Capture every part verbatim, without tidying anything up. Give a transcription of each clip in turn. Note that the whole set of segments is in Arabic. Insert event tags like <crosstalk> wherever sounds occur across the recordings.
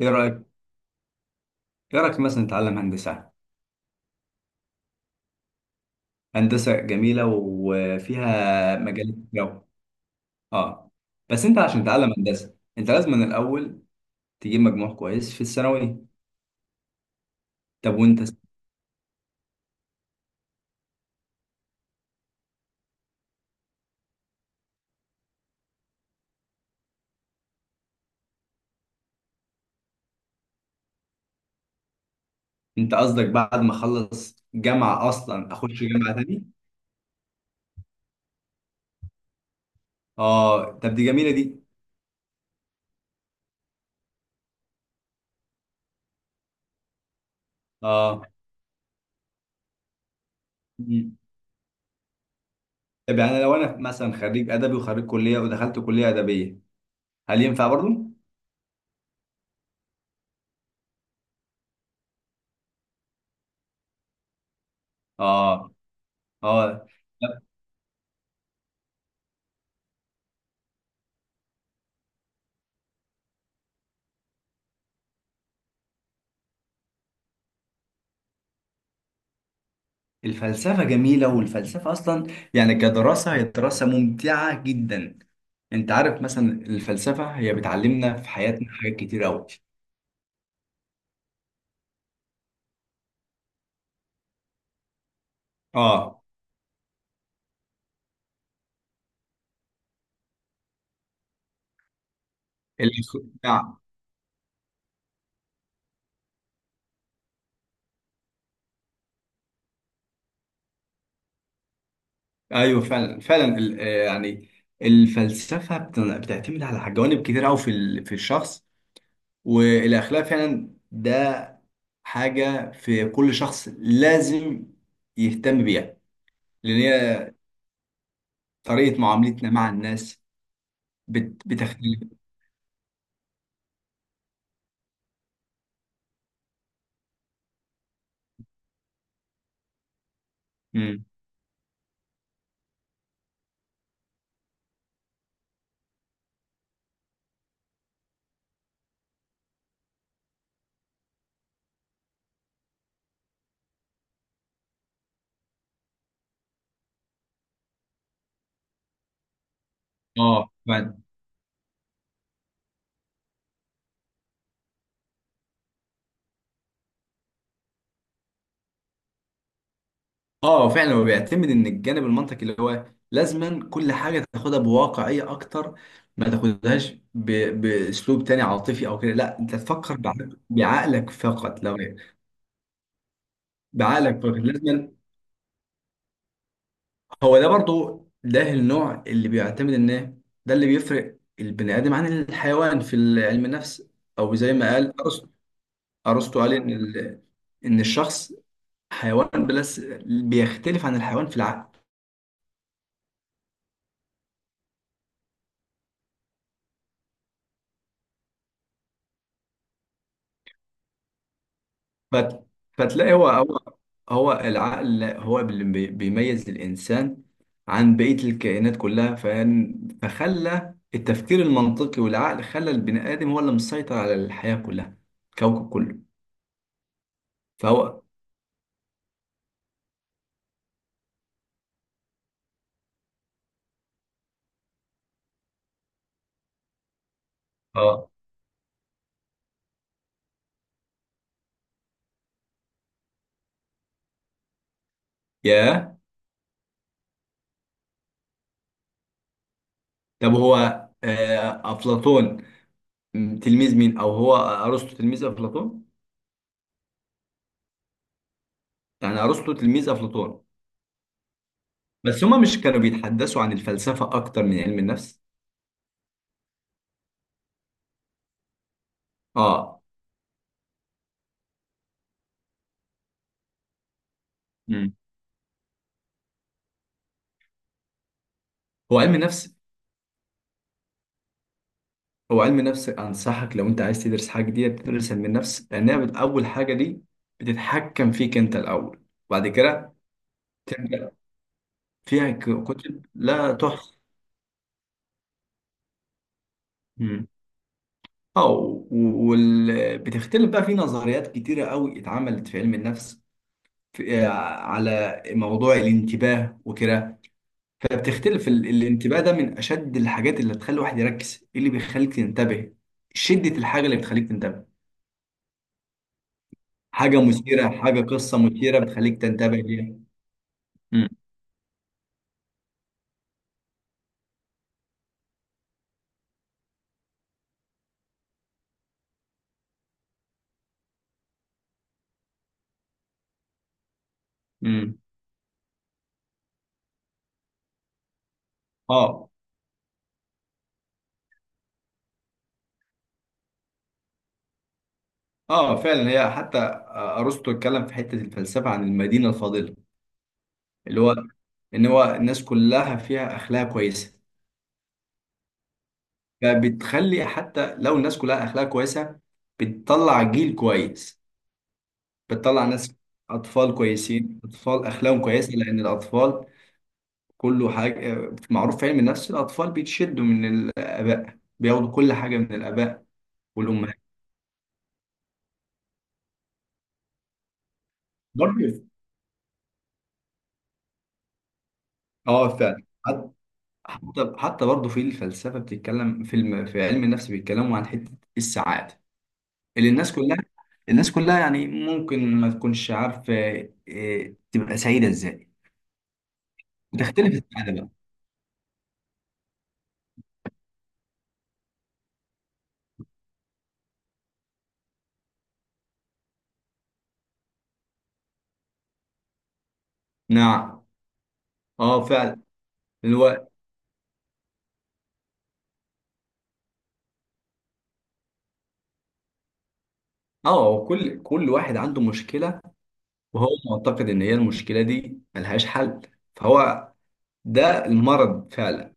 ايه رايك ايه رايك مثلا نتعلم هندسه؟ هندسه جميله وفيها مجالات جو. اه. بس انت عشان تتعلم هندسه انت لازم من الاول تجيب مجموع كويس في الثانوي. طب وانت انت قصدك بعد ما اخلص جامعه اصلا اخش جامعه تاني؟ اه، طب دي جميله دي. اه. مم. طب يعني لو انا مثلا خريج ادبي وخريج كليه ودخلت كليه ادبيه، هل ينفع برضو؟ اه اه. الفلسفة جميلة، والفلسفة أصلا يعني كدراسة هي دراسة ممتعة جدا. أنت عارف مثلا الفلسفة هي بتعلمنا في حياتنا حاجات كتير أوي. آه الأخ- نعم. أيوه فعلا فعلا، ال- آه، يعني الفلسفة بت- بتعتمد على جوانب كتير أوي في ال- في الشخص. والأخلاق فعلا، ده حاجة في كل شخص لازم يهتم بيها، لأن هي طريقة معاملتنا مع الناس بت- بتختلف. مم. اه اه فعلا، هو بيعتمد ان الجانب المنطقي اللي هو لازما كل حاجه تاخدها بواقعيه اكتر، ما تاخدهاش ب... باسلوب تاني عاطفي او كده، لا انت تفكر بعقل- بعقلك فقط لو بعقلك فقط لازما. هو ده برضو، ده النوع اللي بيعتمد ان إيه؟ ده اللي بيفرق البني ادم عن الحيوان في علم النفس، او زي ما قال ارسطو. ارسطو قال ان ال... ان الشخص حيوان، بس بيختلف عن الحيوان في العقل. فت... فتلاقي هو هو هو العقل هو اللي بي- بيميز الإنسان عن بقية الكائنات كلها، فن- فخلى التفكير المنطقي والعقل خلى البني آدم هو اللي مسيطر على الحياة كلها، الكوكب كله. فهو اه يا طب هو آه، أفلاطون. م، تلميذ مين؟ أو هو أرسطو تلميذ أفلاطون؟ يعني أرسطو تلميذ أفلاطون. بس هما مش كانوا بيتحدثوا عن الفلسفة أكتر من علم النفس؟ اه. مم. هو علم النفس هو علم النفس أنصحك، لو أنت عايز تدرس حاجة جديدة تدرس علم النفس، لأنها بت- أول حاجة دي بتتحكم فيك أنت الأول، وبعد كده تبدأ فيها ك- كتب لا تحصى. مم. أه و- وال... بتختلف بقى في نظريات كتيرة قوي اتعملت في علم النفس، في... آه، على موضوع الانتباه وكده. فبتختلف ال... الانتباه، ده من أشد الحاجات اللي تخلي الواحد يركز. إيه اللي بيخليك تنتبه؟ شدة الحاجة اللي بتخليك تنتبه. حاجة مثيرة حاجة قصة مثيرة بتخليك تنتبه ليها. مم. مم. اه اه فعلا. هي حتى آه، ارسطو اتكلم في حته الفلسفه عن المدينه الفاضله، اللي هو ان هو الناس كلها فيها اخلاق كويسه. فبتخلي حتى لو الناس كلها اخلاق كويسه، بتطلع جيل كويس، بتطلع ناس، اطفال كويسين، اطفال اخلاقهم كويسه، لان الاطفال كله حاجه، آه، معروف في علم النفس الاطفال بيتشدوا من الاباء، بياخدوا كل حاجه من الاباء والامهات برضه. اه فعلا. حتى حتى برضه في الفلسفه بتتكلم، في الم... في علم النفس بيتكلموا عن حته السعاده، اللي الناس كلها الناس كلها يعني ممكن ما تكونش عارفه إيه، تبقى سعيده ازاي. وتختلف السعاده بقى. نعم. اه فعلا. الوقت. اه، هو كل كل واحد عنده مشكله، وهو معتقد ان هي المشكله دي ملهاش حل، فهو ده المرض فعلا.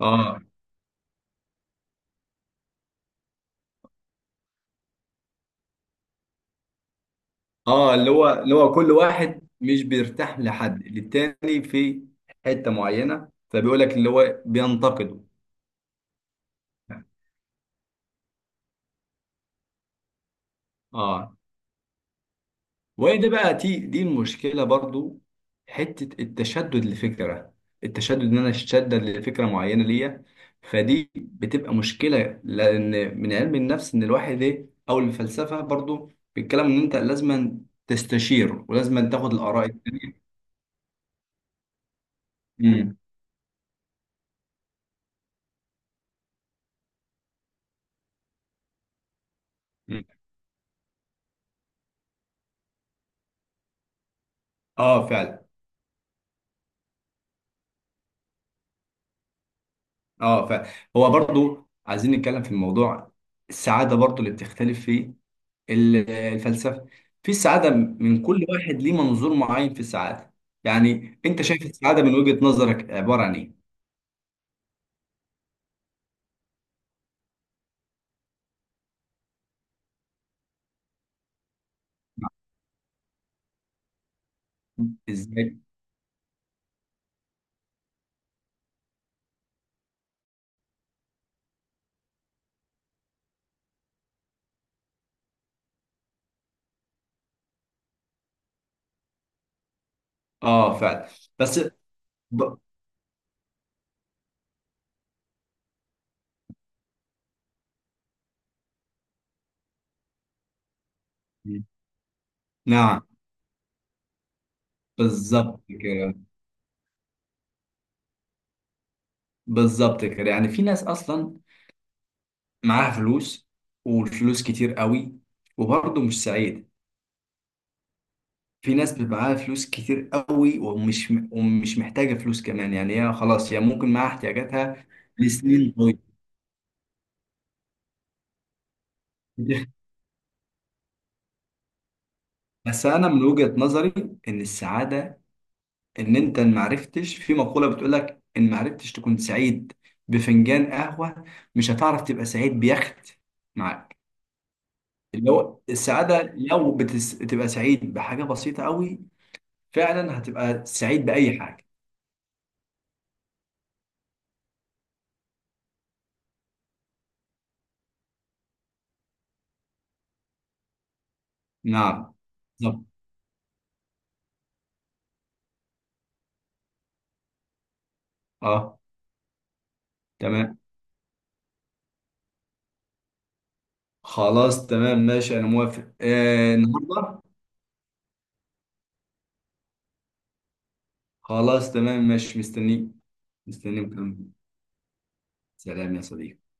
اه. اه اللي هو اللي هو كل واحد مش بيرتاح لحد للتاني في حته معينه، فبيقول لك اللي هو بينتقده. اه. وهي ده بقى، دي دي المشكله برضو، حته التشدد لفكره، التشدد ان انا اتشدد لفكره معينه ليا. فدي بتبقى مشكله، لان من علم النفس ان الواحد ايه، او الفلسفه برضو بيتكلم ان انت لازم تستشير ولازم تاخد الاراء التانيه. امم أمم. اه فعلا. اه، فهو برضو عايزين نتكلم في الموضوع، السعاده برضو اللي بتختلف في ال- الفلسفه، في السعاده من كل واحد ليه منظور معين في السعاده. يعني انت شايف السعاده من وجهه نظرك عباره عن ايه؟ ازاي؟ اه فعلا. بس ب... نعم. بالظبط كده، بالظبط كده، يعني في ناس اصلا معاها فلوس، والفلوس كتير قوي، وبرضه مش سعيد. في ناس بيبقى معاها فلوس كتير قوي، ومش ومش محتاجة فلوس كمان، يعني هي خلاص، هي ممكن معاها احتياجاتها لسنين طويلة. <laughs> بس أنا من وجهة نظري، إن السعادة، إن أنت ما عرفتش، في مقولة بتقولك إن ما عرفتش تكون سعيد بفنجان قهوة، مش هتعرف تبقى سعيد بيخت معاك. اللي هو السعادة، لو بتس... بتبقى سعيد بحاجة بسيطة قوي، فعلا هتبقى سعيد بأي حاجة. نعم، بالظبط. اه تمام. خلاص تمام ماشي، انا موافق، آه النهارده. خلاص تمام ماشي، مستنيك. مستنيك. سلام يا صديقي.